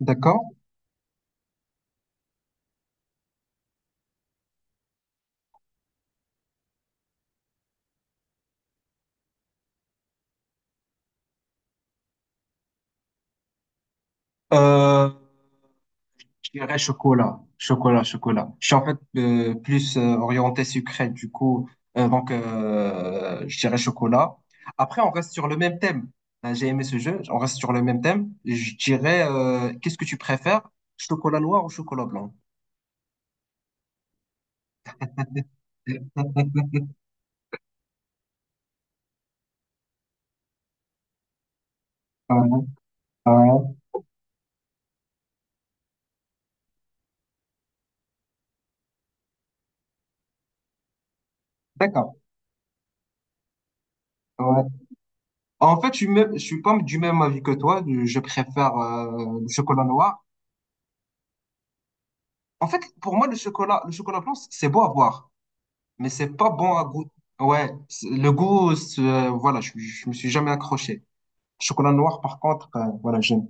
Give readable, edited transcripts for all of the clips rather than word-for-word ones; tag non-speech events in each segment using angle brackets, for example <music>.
D'accord. Euh, je dirais chocolat. Je suis en fait plus orienté sucré, du coup, je dirais chocolat. Après, on reste sur le même thème. J'ai aimé ce jeu, on reste sur le même thème. Je dirais, qu'est-ce que tu préfères, chocolat noir ou chocolat blanc? <laughs> Ouais, d'accord. Ouais. En fait, je suis, même- je suis pas du même avis que toi. Je préfère le chocolat noir. En fait, pour moi, le chocolat blanc, c'est beau à voir. Mais c'est pas bon à goût. Ouais, c'est- le goût, c'est, voilà, je me suis jamais accroché. Chocolat noir, par contre, voilà, j'aime.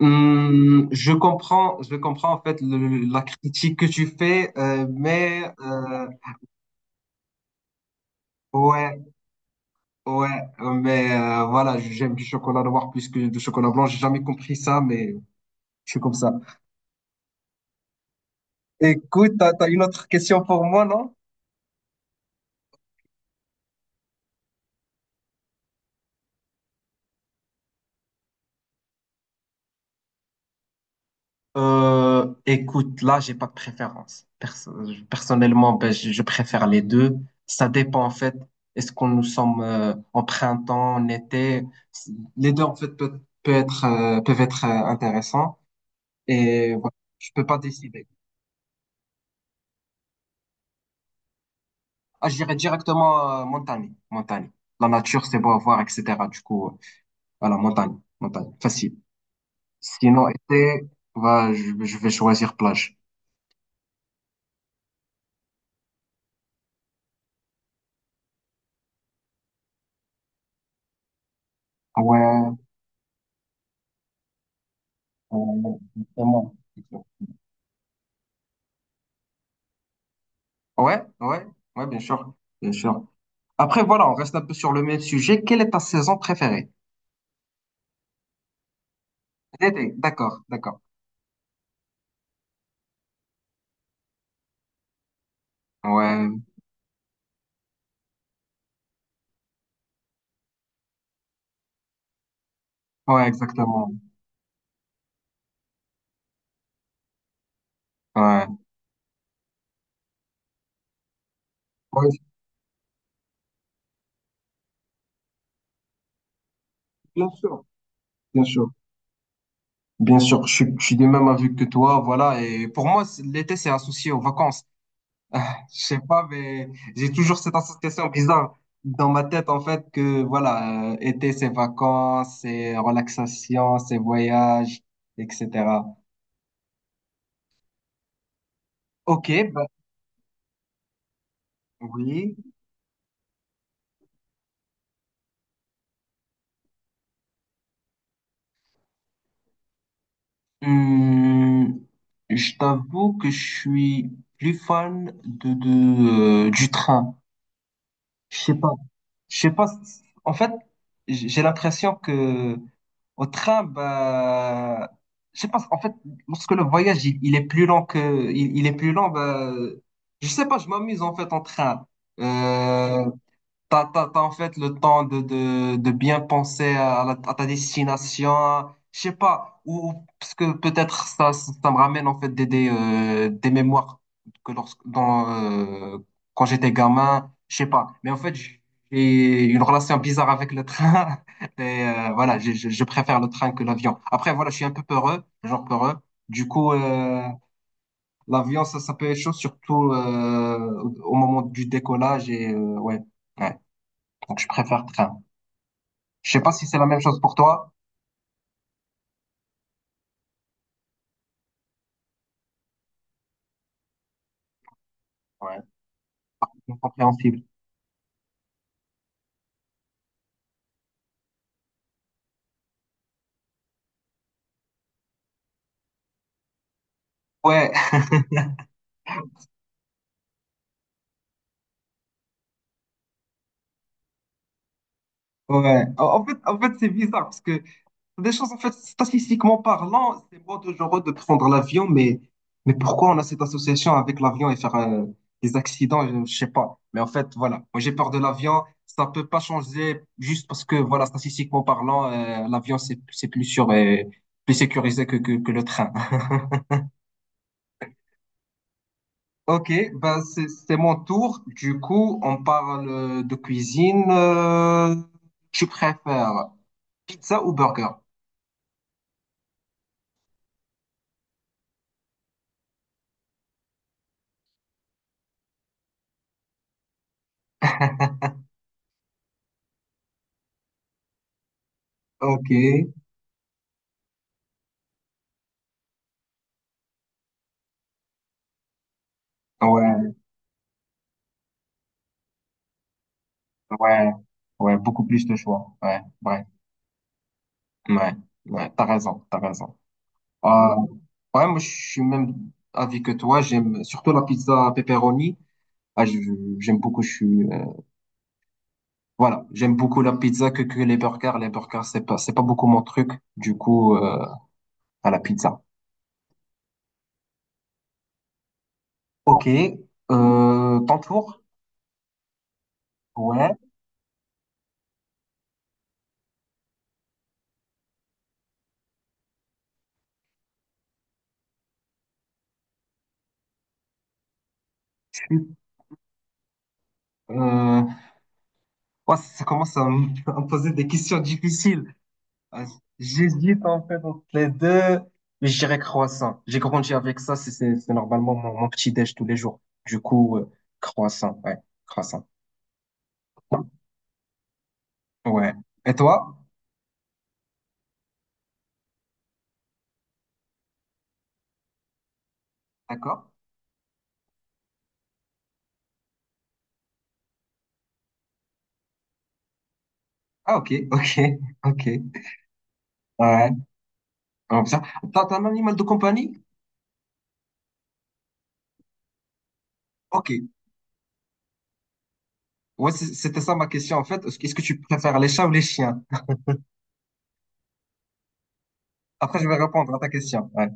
Je comprends en fait la critique que tu fais, ouais, ouais, voilà, j'aime du chocolat noir plus que du chocolat blanc. J'ai jamais compris ça, mais je suis comme ça. Écoute, t'as une autre question pour moi, non? Écoute, là, j'ai pas de préférence. Personnellement, ben, je préfère les deux. Ça dépend, en fait, est-ce qu'on nous sommes en printemps, en été? Les deux, en fait, peut être, peuvent être intéressants. Et voilà, je peux pas décider. Ah, je dirais directement montagne, montagne. La nature, c'est beau à voir, etc. Du coup, euh, voilà, montagne, montagne, facile. Sinon, été, bah, je vais choisir plage. Ouais, justement. ouais, ouais, ouais, bien sûr, bien sûr. Après, voilà, on reste un peu sur le même sujet. Quelle est ta saison préférée? L'été, d'accord, d'accord. Ouais, ouais, exactement. Ouais. Ouais, bien sûr, bien sûr. Bien sûr, je suis du même avis que toi, voilà. Et pour moi, c'est- l'été, c'est associé aux vacances. <laughs> Ah, je sais pas, mais j'ai toujours cette association bizarre dans ma tête, en fait, que voilà, été, c'est vacances, c'est relaxation, c'est voyage, etc. Ok, bah oui. Hum, je t'avoue que je suis plus fan de, du train. Je sais pas. Je sais pas. En fait, j'ai l'impression que au train, bah, je sais pas, en fait, lorsque le voyage, il est plus long que, il est plus long, bah, je sais pas, je m'amuse en fait en train. Euh, T'as, t'as en fait le temps de bien penser à, à ta destination, je sais pas, ou- parce que peut-être ça me ramène en fait des mémoires que lorsque, quand j'étais gamin, je sais pas. Mais en fait, j'ai une relation bizarre avec le train <laughs> et voilà, je préfère le train que l'avion. Après, voilà, je suis un peu peureux, genre peureux. Du coup, euh, l'avion, ça peut être chaud, surtout au au moment du décollage et ouais. Ouais. Donc, je préfère train. Je sais pas si c'est la même chose pour toi. Ouais, c'est compréhensible. Ouais, <laughs> ouais. En fait, c'est bizarre parce que des choses, en fait, statistiquement parlant, c'est moi dangereux de prendre l'avion, mais pourquoi on a cette association avec l'avion et faire des accidents, je sais pas. Mais en fait, voilà, moi j'ai peur de l'avion, ça peut pas changer juste parce que, voilà, statistiquement parlant, l'avion c'est plus sûr et plus sécurisé que, que le train. <laughs> Ok, bah c'est mon tour. Du coup, on parle de cuisine. Tu préfères pizza ou burger? Ok, ouais. Ouais, ouais, beaucoup plus de choix. Ouais, ouais, ouais, t'as raison, t'as raison. Euh, ouais, moi, je suis même avis que toi. J'aime surtout la pizza pepperoni. Ah, je- j'aime beaucoup. Je suis, voilà, j'aime beaucoup la pizza que les burgers. Les burgers, c'est pas beaucoup mon truc. Du coup, euh, à la pizza. Ok, ton tour. Ouais. je suis- Euh, ouais, ça commence à me <laughs> à me poser des questions difficiles. Ah, j'hésite en fait entre les deux, mais je dirais croissant. J'ai grandi avec ça, c'est normalement mon petit déj tous les jours. Du coup, euh, croissant, ouais, croissant. Ouais. Et toi? D'accord? Ah, ok, <laughs> ok, ok. Ouais, comme ça. T'as un animal de compagnie? Ok. Ouais, c'est- c'était ça ma question en fait. Est-ce que tu préfères les chats ou les chiens? Après, je vais répondre à ta question. Ouais.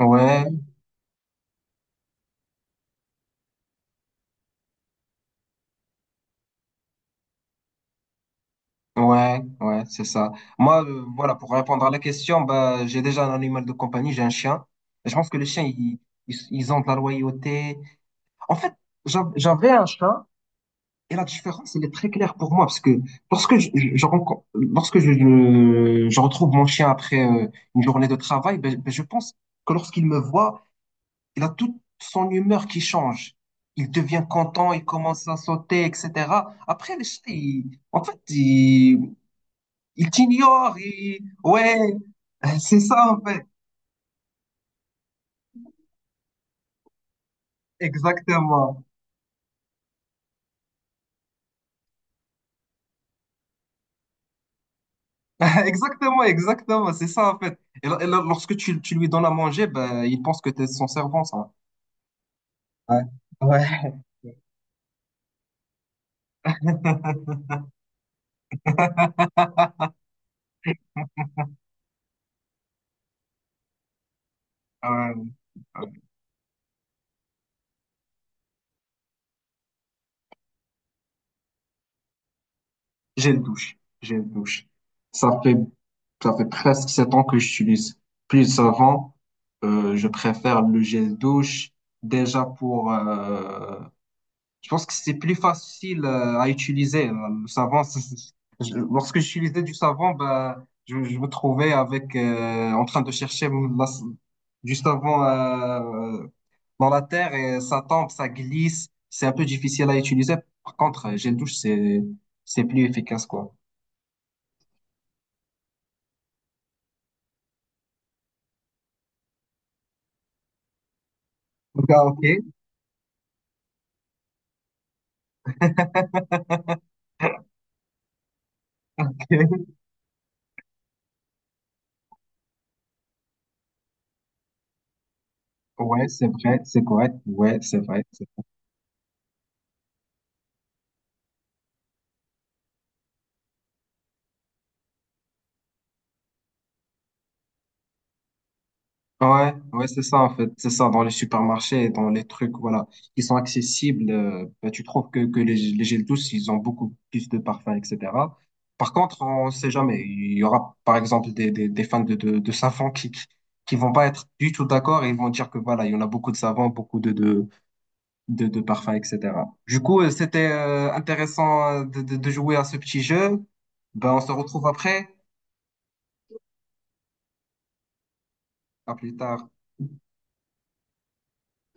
Ouais. Ouais, ouais, c'est ça. Moi, voilà, pour répondre à la question, bah, j'ai déjà un animal de compagnie, j'ai un chien. Et je pense que les chiens, ils ont de la loyauté. En fait, j'avais un chat et la différence, elle est très claire pour moi parce que lorsque je rencontre, lorsque je retrouve mon chien après une journée de travail, ben, je pense que lorsqu'il me voit, il a toute son humeur qui change. Il devient content, il commence à sauter, etc. Après, les chiens, ils- en fait, il t'ignore, il... ouais, c'est ça en fait, exactement, <laughs> exactement, exactement, c'est ça en fait. Et là, lorsque tu lui donnes à manger, ben, il pense que tu es son servant, ça. Ouais, ouais. <laughs> Euh, euh, j'ai une douche, j'ai une douche. Ça fait, ça fait presque 7 ans que j'utilise. Plus avant, je préfère le gel douche, déjà pour, je pense que c'est plus facile à utiliser. Le savon, <laughs> lorsque j'utilisais du savon, ben, je me trouvais avec, en train de chercher du savon euh, dans la terre et ça tombe, ça glisse. C'est un peu difficile à utiliser. Par contre, gel douche, c'est plus efficace, quoi. Donc, ah, ok. <laughs> Ouais, c'est vrai, c'est correct. Ouais, c'est vrai. Ouais, c'est ça en fait, c'est ça dans les supermarchés, dans les trucs voilà qui sont accessibles, bah, tu trouves que les gels douces, ils ont beaucoup plus de parfums, etc. Par contre, on sait jamais, il y aura par exemple des fans de, de savon qui vont pas être du tout d'accord et ils vont dire que voilà, il y en a beaucoup de savons, beaucoup de parfums, etc. C'était intéressant de jouer à ce petit jeu. Ben, on se retrouve après, à plus tard.